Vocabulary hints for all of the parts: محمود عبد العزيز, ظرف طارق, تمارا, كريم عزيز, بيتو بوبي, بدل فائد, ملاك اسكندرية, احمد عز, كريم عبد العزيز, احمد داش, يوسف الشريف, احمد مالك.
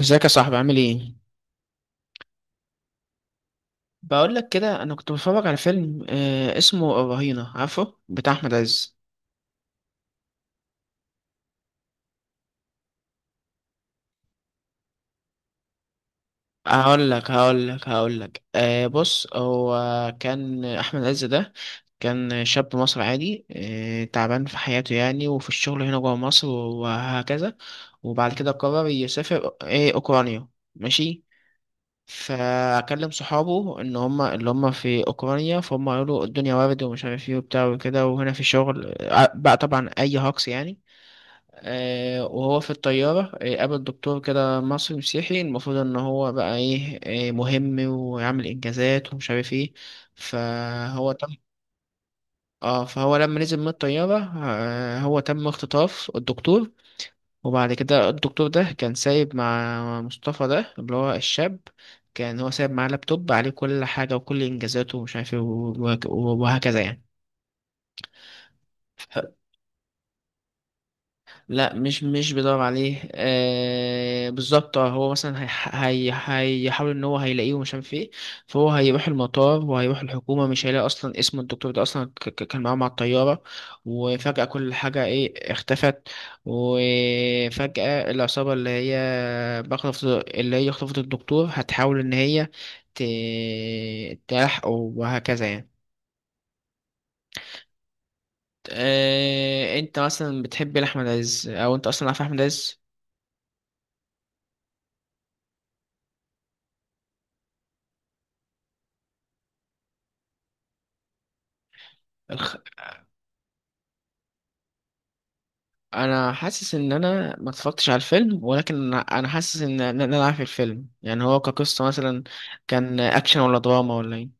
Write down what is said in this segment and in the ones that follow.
ازيك يا صاحبي عامل ايه؟ بقول لك كده انا كنت بتفرج على فيلم اسمه الرهينة عارفه بتاع احمد عز. هقول لك بص، هو كان احمد عز ده كان شاب مصري عادي تعبان في حياته، يعني وفي الشغل هنا جوه مصر وهكذا. وبعد كده قرر يسافر ايه اوكرانيا. ماشي. فاكلم صحابه ان هم اللي هم في اوكرانيا، فهم قالوا الدنيا وارد ومش عارف ايه وبتاع وكده، وهنا في شغل بقى طبعا اي هاكس يعني. وهو في الطيارة قابل دكتور كده مصري مسيحي، المفروض ان هو بقى ايه، مهم ويعمل انجازات ومش عارف ايه. فهو تم. اه فهو لما نزل من الطيارة هو تم اختطاف الدكتور. وبعد كده الدكتور ده كان سايب مع مصطفى ده اللي هو الشاب، كان هو سايب معاه لابتوب عليه كل حاجة وكل إنجازاته ومش عارف إيه وهكذا يعني. لا مش بيدور عليه، بالظبط. هو مثلا هي هي هيحاول ان هو هيلاقيه ومش عارف ايه، فهو هيروح المطار وهيروح الحكومه، مش هيلاقي اصلا اسم الدكتور ده اصلا. كان معاه مع الطياره وفجاه كل حاجه ايه اختفت. وفجاه العصابه اللي هي بخطف اللي هي خطفت الدكتور هتحاول ان هي تلحقه وهكذا يعني. انت مثلا بتحب احمد عز او انت اصلا عارف احمد عز؟ انا حاسس ان انا ما اتفرجتش على الفيلم، ولكن انا حاسس ان انا عارف الفيلم يعني هو كقصة مثلا. كان اكشن ولا دراما ولا ايه؟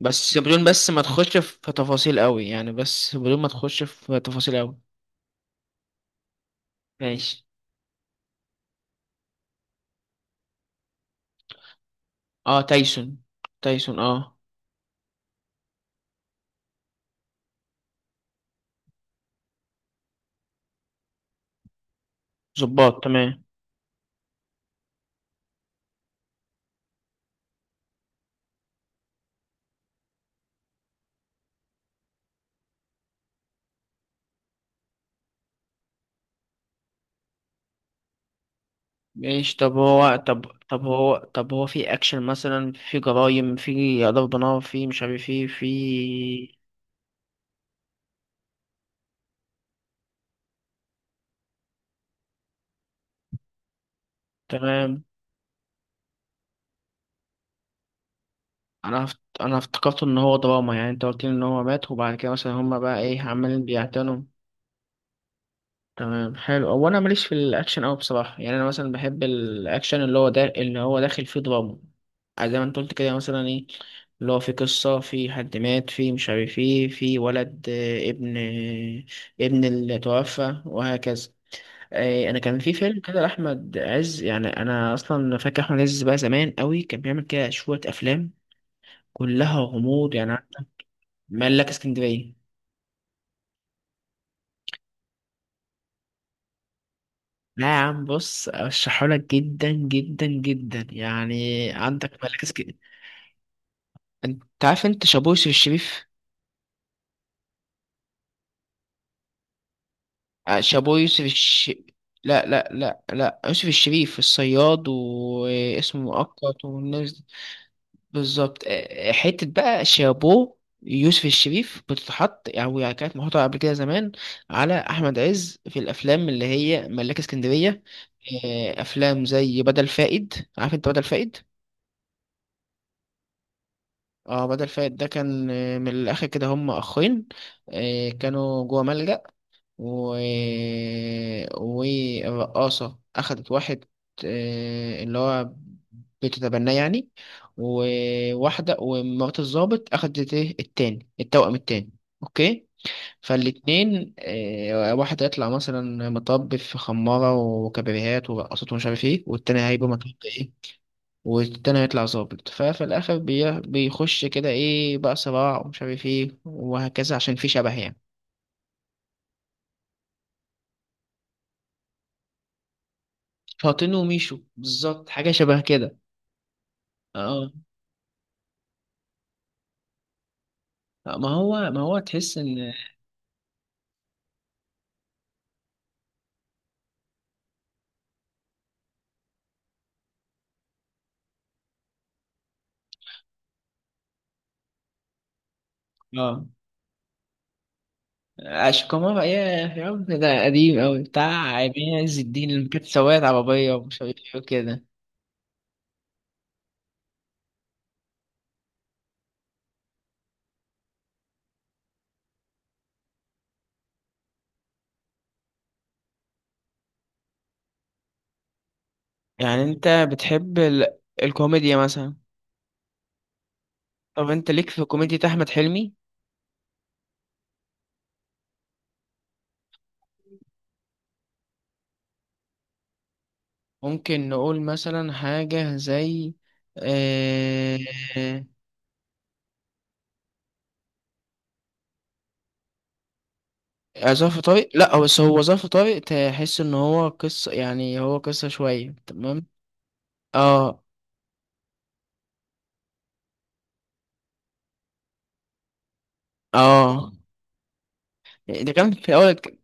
بس بدون بس ما تخش في تفاصيل قوي يعني، بس بدون ما تخش في تفاصيل قوي. ماشي. اه تايسون. تايسون، اه. ظباط، تمام. ماشي، طب هو طب طب هو طب هو في اكشن مثلا، في جرايم، في ضرب نار، في مش عارف ايه، في؟ تمام. انا افتكرت ان هو دراما، يعني انت قلت لي ان هو مات وبعد كده مثلا هما بقى ايه عمالين بيعتنوا. تمام، حلو. هو انا ماليش في الاكشن قوي بصراحه، يعني انا مثلا بحب الاكشن اللي هو داخل فيه دراما. يعني زي ما انت قلت كده مثلا ايه، اللي هو في قصه، في حد مات، في مش عارف ايه، في ولد، ابن اللي توفى وهكذا. انا كان في فيلم كده لاحمد عز، يعني انا اصلا فاكر احمد عز بقى زمان قوي كان بيعمل كده شويه افلام كلها غموض يعني. ملاك اسكندرية. لا يا عم، بص، ارشحهولك جدا جدا جدا يعني. عندك ملاك اسكندرية. انت عارف انت شابو يوسف الشريف؟ شابو يوسف الش. لا لا لا لا، يوسف الشريف الصياد واسمه مؤقت والناس دي. بالظبط. حتة بقى شابو يوسف الشريف بتتحط او يعني كانت محطوطة قبل كده زمان على احمد عز في الافلام، اللي هي ملاك اسكندرية. افلام زي بدل فائد، عارف انت بدل فائد؟ اه بدل فايت ده كان من الاخر كده هم اخين كانوا جوه ملجأ و... والرقاصة اخدت واحد اللي هو بتتبناه يعني، وواحدة ومرات الضابط اخدت ايه التاني التوأم التاني. اوكي. فالاتنين واحد هيطلع مثلا مطب في خمارة وكبريهات ورقصات ومش عارف ايه، والتاني هيبقى مطب إيه؟ والتاني هيطلع ظابط، ففي الآخر بيخش كده إيه بقى، صراع ومش عارف إيه وهكذا عشان في شبه يعني. فاطين وميشو، بالظبط، حاجة شبه كده. اه ما هو تحس إن. اه أشكومارا، يا يا رب، ده قديم أوي، بتاع عين عز الدين اللي كانت سواقة عربية ومش عارف إيه وكده. يعني أنت بتحب الكوميديا مثلا؟ طب أنت ليك في كوميديا أحمد حلمي؟ ممكن نقول مثلا حاجة زي آه... ظرف طارق؟ لا، هو بس هو ظرف طارق تحس ان هو قصة، يعني هو قصة شوية. تمام. اه اه ده كان في اول ك-.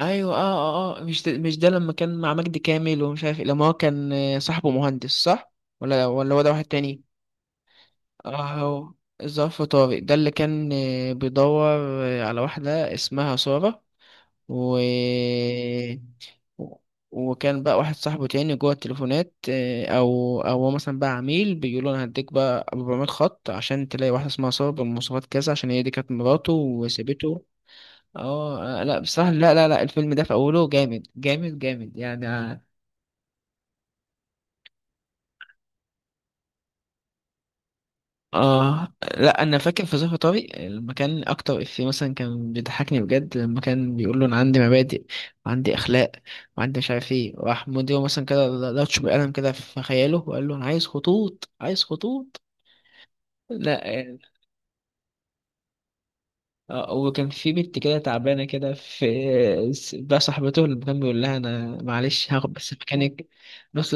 ايوه. اه اه مش ده لما كان مع مجدي كامل ومش عارف إيه، لما هو كان صاحبه مهندس، صح؟ ولا هو ده واحد تاني؟ اه هو ظرف طارق ده اللي كان بيدور على واحدة اسمها سارة، و وكان بقى واحد صاحبه تاني جوه التليفونات او هو مثلا بقى عميل بيقول له انا هديك بقى 400 خط عشان تلاقي واحده اسمها ساره بالمواصفات كذا، عشان هي دي كانت مراته وسابته. لا بصراحه، لا لا لا، الفيلم ده في اوله جامد جامد جامد يعني. اه لا، انا فاكر في ظرف طارق لما كان اكتر افيه مثلا كان بيضحكني بجد لما كان بيقول له انا عندي مبادئ وعندي اخلاق وعندي مش عارف ايه، راح مديره مثلا كده لطش بالقلم كده في خياله وقال له انا عايز خطوط عايز خطوط. لا. وكان في بنت كده تعبانة كده في، بقى صاحبته اللي كان بيقول لها أنا معلش هاخد بس مكانك. نص.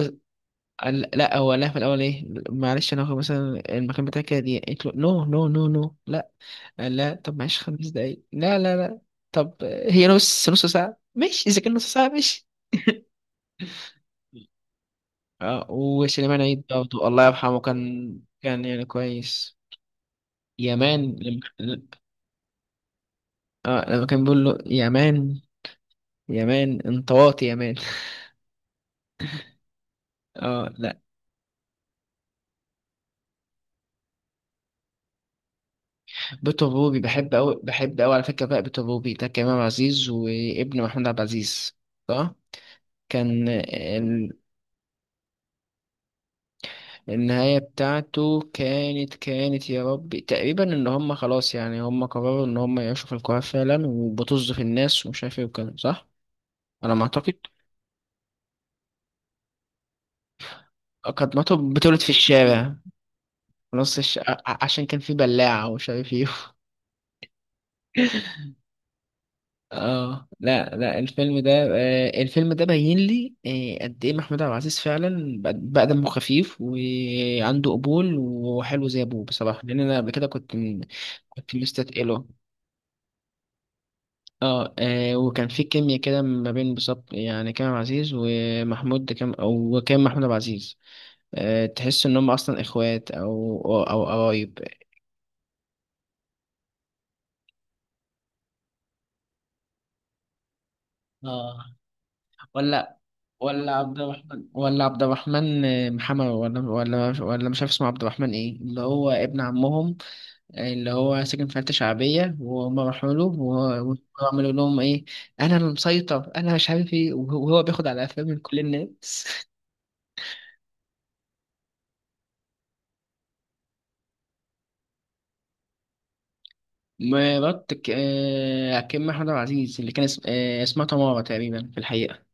لا، هو قال لها في الأول إيه، معلش أنا هاخد مثلا المكان بتاعك كده، دي قالت له نو نو نو نو لا. قال لا طب معلش 5 دقايق، لا لا لا، طب هي نص نص ساعة ماشي، إذا كان نص ساعة ماشي. اه وسليمان عيد برضه الله يرحمه كان يعني كويس. يا مان. لما اه لما كان بيقول له يا مان، يا مان انت واطي يا مان. اه لا، بيتو بوبي بحب أوي بحب أوي على فكرة، بقى بيتو بوبي ده كريم عزيز وابن محمود عبد العزيز، صح. كان ال... النهاية بتاعته كانت يا ربي تقريبا ان هم خلاص يعني هم قرروا ان هم يعيشوا في القاهرة فعلا وبطز في الناس ومش عارف ايه وكده، صح على ما اعتقد. كانت مراته بتولد في الشارع، في نص عشان كان في بلاعة ومش عارف ايه. اه لا لا، الفيلم ده الفيلم ده بين لي قد ايه محمود عبد العزيز فعلا بقى دمه خفيف وعنده قبول وحلو زي ابوه بصراحه، لان انا قبل كده كنت مستثقله. وكان في كيمياء كده ما بين بالظبط يعني كريم عبد العزيز ومحمود كام، او وكان محمود عبد العزيز تحس ان هم اصلا اخوات او او أو قرايب. اه ولا ولا عبد الرحمن، ولا عبد الرحمن محمد، ولا مش عارف اسمه عبد الرحمن ايه، اللي هو ابن عمهم اللي هو ساكن في حتة شعبية وهم راحوا له وهو- وعملوا لهم ايه، انا المسيطر انا مش عارف ايه، وهو بياخد على قفاه من كل الناس مرات ك- آه، كريم محمود عبد العزيز اللي كان اسمها تمارا تقريبا في الحقيقة.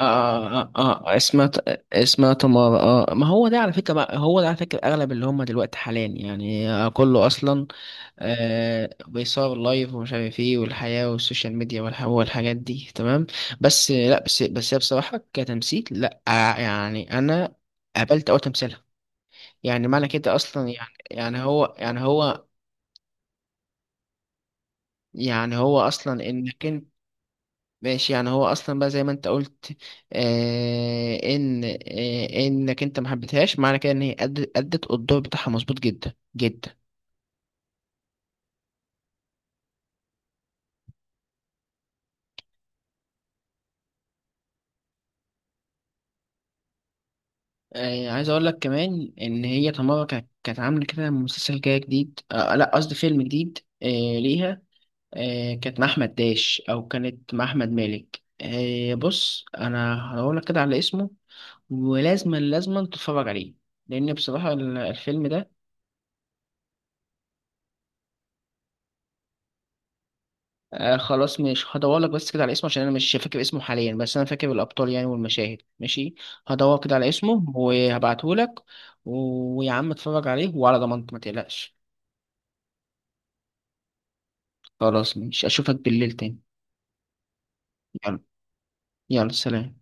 اسمها، اسمها تمارا. ما هو ده على فكرة بقى هو ده على فكرة، أغلب اللي هم دلوقتي حاليا يعني كله أصلا بيصور لايف ومش عارف ايه، والحياة والسوشيال ميديا والحاجات دي، تمام. بس لا، بس هي بصراحة كتمثيل لا يعني أنا قابلت أول تمثيلها، يعني معنى كده أصلا، يعني هو أصلا إنك. ماشي. يعني هو اصلا بقى زي ما انت قلت آه ان آه انك انت ما حبيتهاش، معنى كده ان هي ادت الدور بتاعها مظبوط جدا جدا. عايز اقول لك كمان ان هي تمارا كانت عامله كده مسلسل كده جديد، لا قصدي فيلم جديد ليها. كانت مع احمد داش او كانت مع احمد مالك. بص انا هقول لك كده على اسمه، ولازما لازما تتفرج عليه لان بصراحه الفيلم ده خلاص ماشي، هدور لك بس كده على اسمه عشان انا مش فاكر اسمه حاليا، بس انا فاكر الابطال يعني والمشاهد ماشي. هدور كده على اسمه وهبعته لك. ويا عم اتفرج عليه وعلى ضمانتك ما تقلقش. خلاص ماشي، اشوفك بالليل تاني. يلا، يلا سلام.